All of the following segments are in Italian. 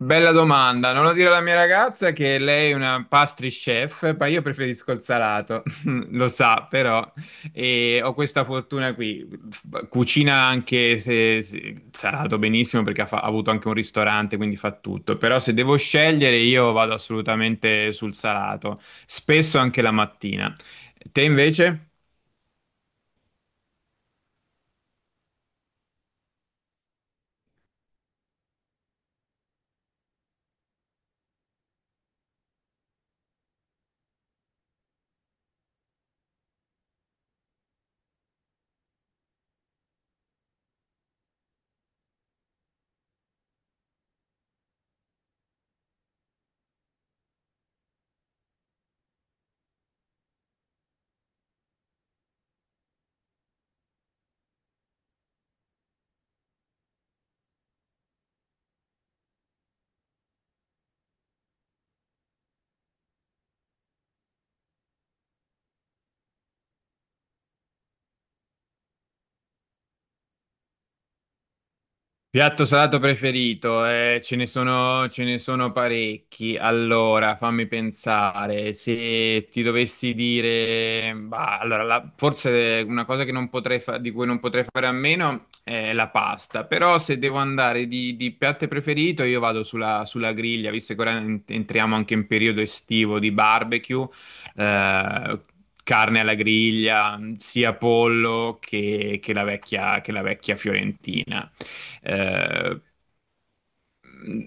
Bella domanda, non lo dire alla mia ragazza che lei è una pastry chef, ma io preferisco il salato, lo sa però, e ho questa fortuna qui, cucina anche se salato benissimo perché ha avuto anche un ristorante, quindi fa tutto, però se devo scegliere io vado assolutamente sul salato, spesso anche la mattina. Te invece? Piatto salato preferito, ce ne sono parecchi. Allora, fammi pensare, se ti dovessi dire, bah, allora, forse una cosa che non di cui non potrei fare a meno è la pasta, però se devo andare di piatto preferito io vado sulla griglia, visto che ora entriamo anche in periodo estivo di barbecue, eh, carne alla griglia, sia pollo che la vecchia fiorentina. Eh, mm,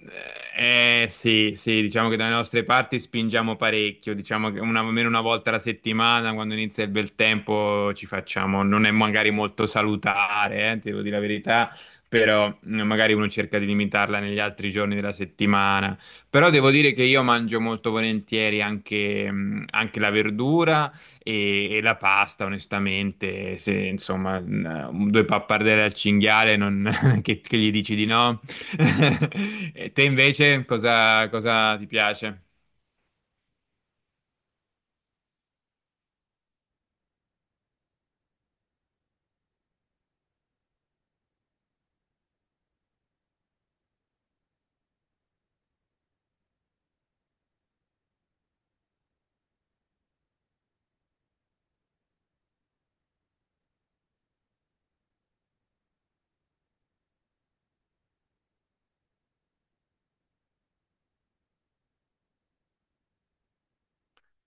sì, sì, diciamo che dalle nostre parti spingiamo parecchio, diciamo che una, almeno una volta alla settimana, quando inizia il bel tempo, ci facciamo, non è magari molto salutare, devo dire la verità, però magari uno cerca di limitarla negli altri giorni della settimana. Però devo dire che io mangio molto volentieri anche, anche la verdura e la pasta, onestamente, se insomma due pappardelle al cinghiale non che gli dici di no. E te invece cosa ti piace?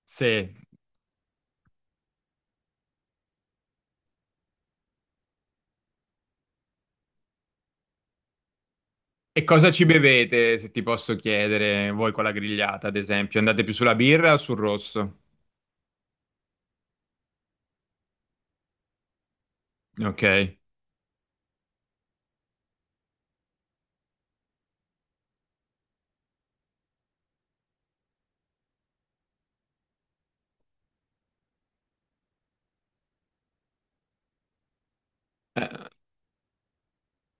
Sì. E cosa ci bevete, se ti posso chiedere, voi con la grigliata, ad esempio? Andate più sulla birra o sul rosso? Ok.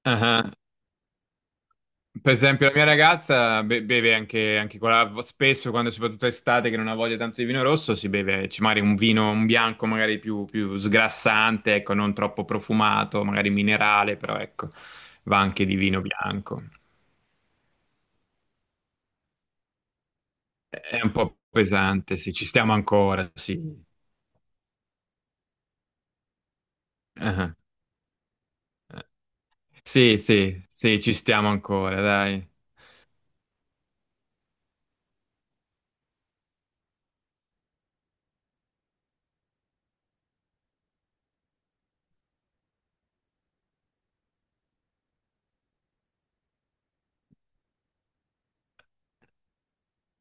Ah. Per esempio, la mia ragazza beve anche, anche con spesso, quando soprattutto estate, che non ha voglia tanto di vino rosso, si beve magari un vino, un bianco magari più sgrassante, ecco, non troppo profumato, magari minerale, però ecco, va anche di vino bianco. È un po' pesante, sì, ci stiamo ancora, sì. Ah, eh. Sì, sì, sì, ci stiamo ancora, dai.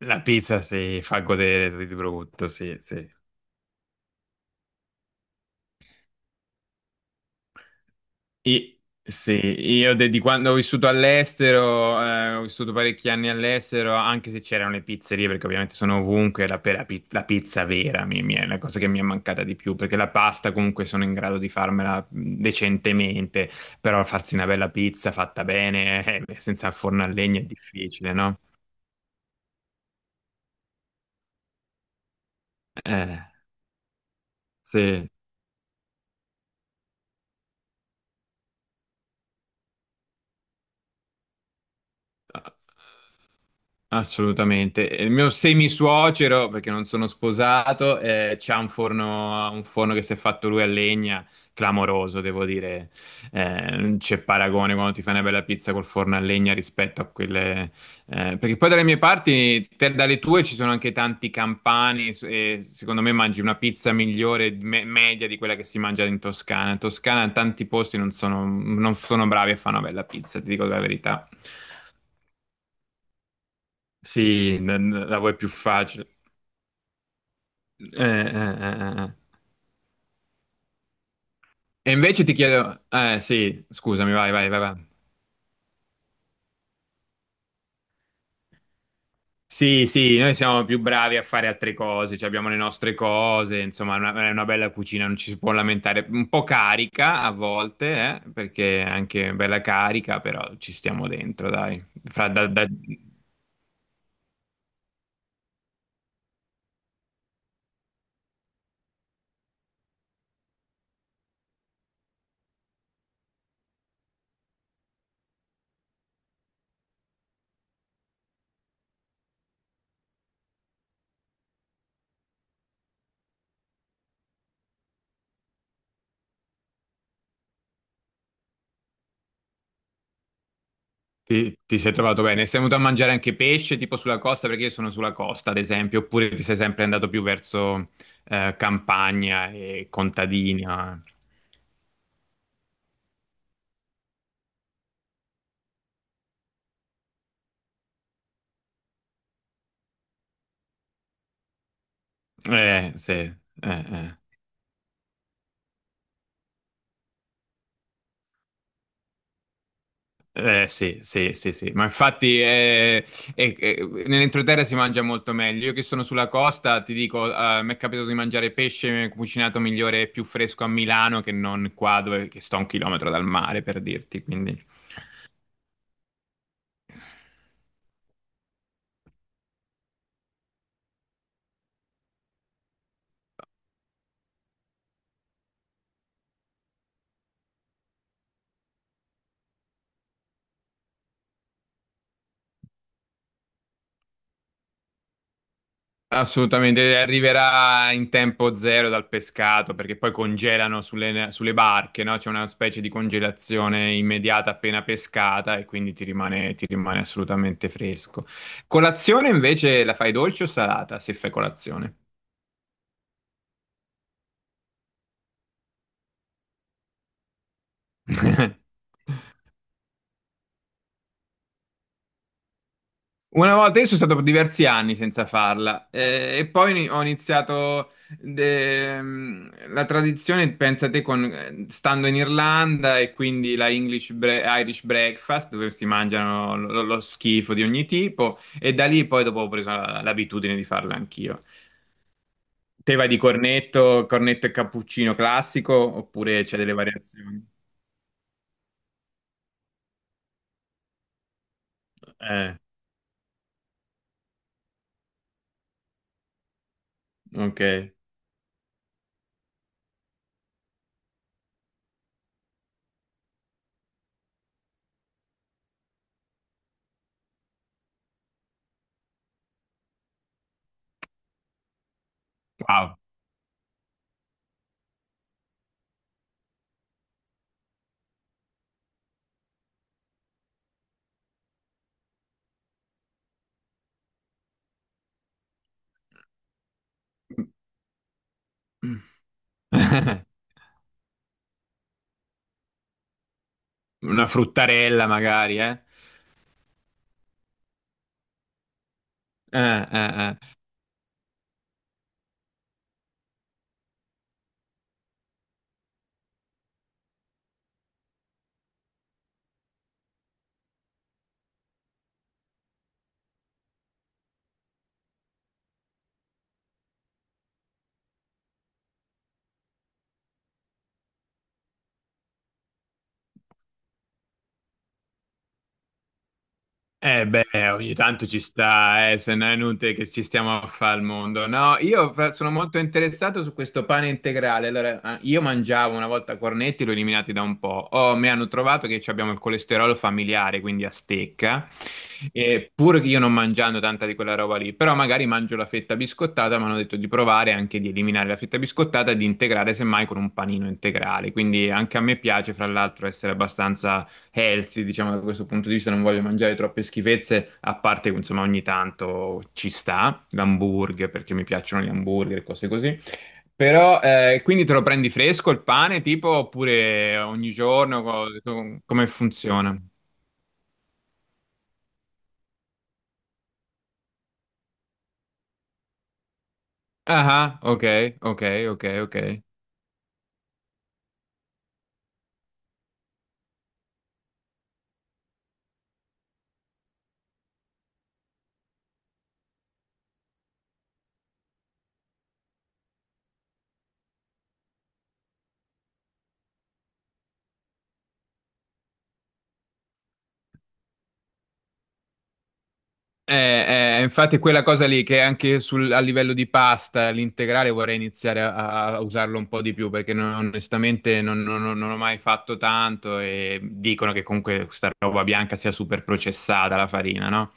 La pizza si fa godere di brutto, sì, sì. I- sì, io di quando ho vissuto all'estero, ho vissuto parecchi anni all'estero, anche se c'erano le pizzerie, perché ovviamente sono ovunque, la, pe- la pi- la pizza vera mi è la cosa che mi è mancata di più, perché la pasta comunque sono in grado di farmela decentemente, però farsi una bella pizza fatta bene, senza il forno a legna è difficile, no? Eh, sì. Assolutamente. Il mio semisuocero, perché non sono sposato, c'ha un forno che si è fatto lui a legna, clamoroso, devo dire. Non c'è paragone quando ti fai una bella pizza col forno a legna rispetto a quelle... perché poi dalle mie parti, dalle tue ci sono anche tanti campani e secondo me mangi una pizza migliore, media di quella che si mangia in Toscana. In Toscana tanti posti non sono bravi a fare una bella pizza, ti dico la verità. Sì, la vuoi più facile. Eh. E invece ti chiedo, eh sì, scusami, vai, vai, vai, vai. Sì, sì, noi siamo più bravi a fare altre cose, cioè abbiamo le nostre cose, insomma, è è una bella cucina, non ci si può lamentare. Un po' carica a volte, perché è anche bella carica, però ci stiamo dentro, dai. Ti, ti sei trovato bene? Sei venuto a mangiare anche pesce, tipo sulla costa, perché io sono sulla costa, ad esempio, oppure ti sei sempre andato più verso campagna e contadina? Sì, eh. Sì, sì, sì, sì. Ma infatti nell'entroterra si mangia molto meglio. Io che sono sulla costa, ti dico, mi è capitato di mangiare pesce cucinato migliore e più fresco a Milano che non qua dove che sto a 1 chilometro dal mare, per dirti, quindi... Assolutamente, arriverà in tempo zero dal pescato perché poi congelano sulle barche, no? C'è una specie di congelazione immediata appena pescata e quindi ti rimane assolutamente fresco. Colazione invece la fai dolce o salata se fai colazione? Una volta io sono stato per diversi anni senza farla e poi ho iniziato la tradizione, pensate, con, stando in Irlanda e quindi la English Irish breakfast dove si mangiano lo schifo di ogni tipo e da lì poi dopo ho preso l'abitudine di farla anch'io. Te vai di cornetto, cornetto e cappuccino classico oppure c'è delle variazioni? Eh, ok. Wow. Una fruttarella magari, eh? Eh. Eh beh, ogni tanto ci sta, se no è inutile che ci stiamo a fare al mondo. No, io sono molto interessato su questo pane integrale. Allora, ah, io mangiavo una volta cornetti, l'ho eliminati da un po'. Oh, mi hanno trovato che ci abbiamo il colesterolo familiare, quindi a stecca. E pur che io non mangiando tanta di quella roba lì, però magari mangio la fetta biscottata, mi hanno detto di provare anche di eliminare la fetta biscottata e di integrare semmai con un panino integrale. Quindi anche a me piace, fra l'altro, essere abbastanza healthy, diciamo da questo punto di vista, non voglio mangiare troppe schifezze, a parte che insomma ogni tanto ci sta, l'hamburger, perché mi piacciono gli hamburger, e cose così. Però quindi te lo prendi fresco il pane, tipo, oppure ogni giorno, come funziona? Ah, ah, ok, ok, ok, ok. Infatti quella cosa lì che anche a livello di pasta, l'integrale vorrei iniziare a usarlo un po' di più perché onestamente non ho mai fatto tanto e dicono che comunque questa roba bianca sia super processata la farina, no?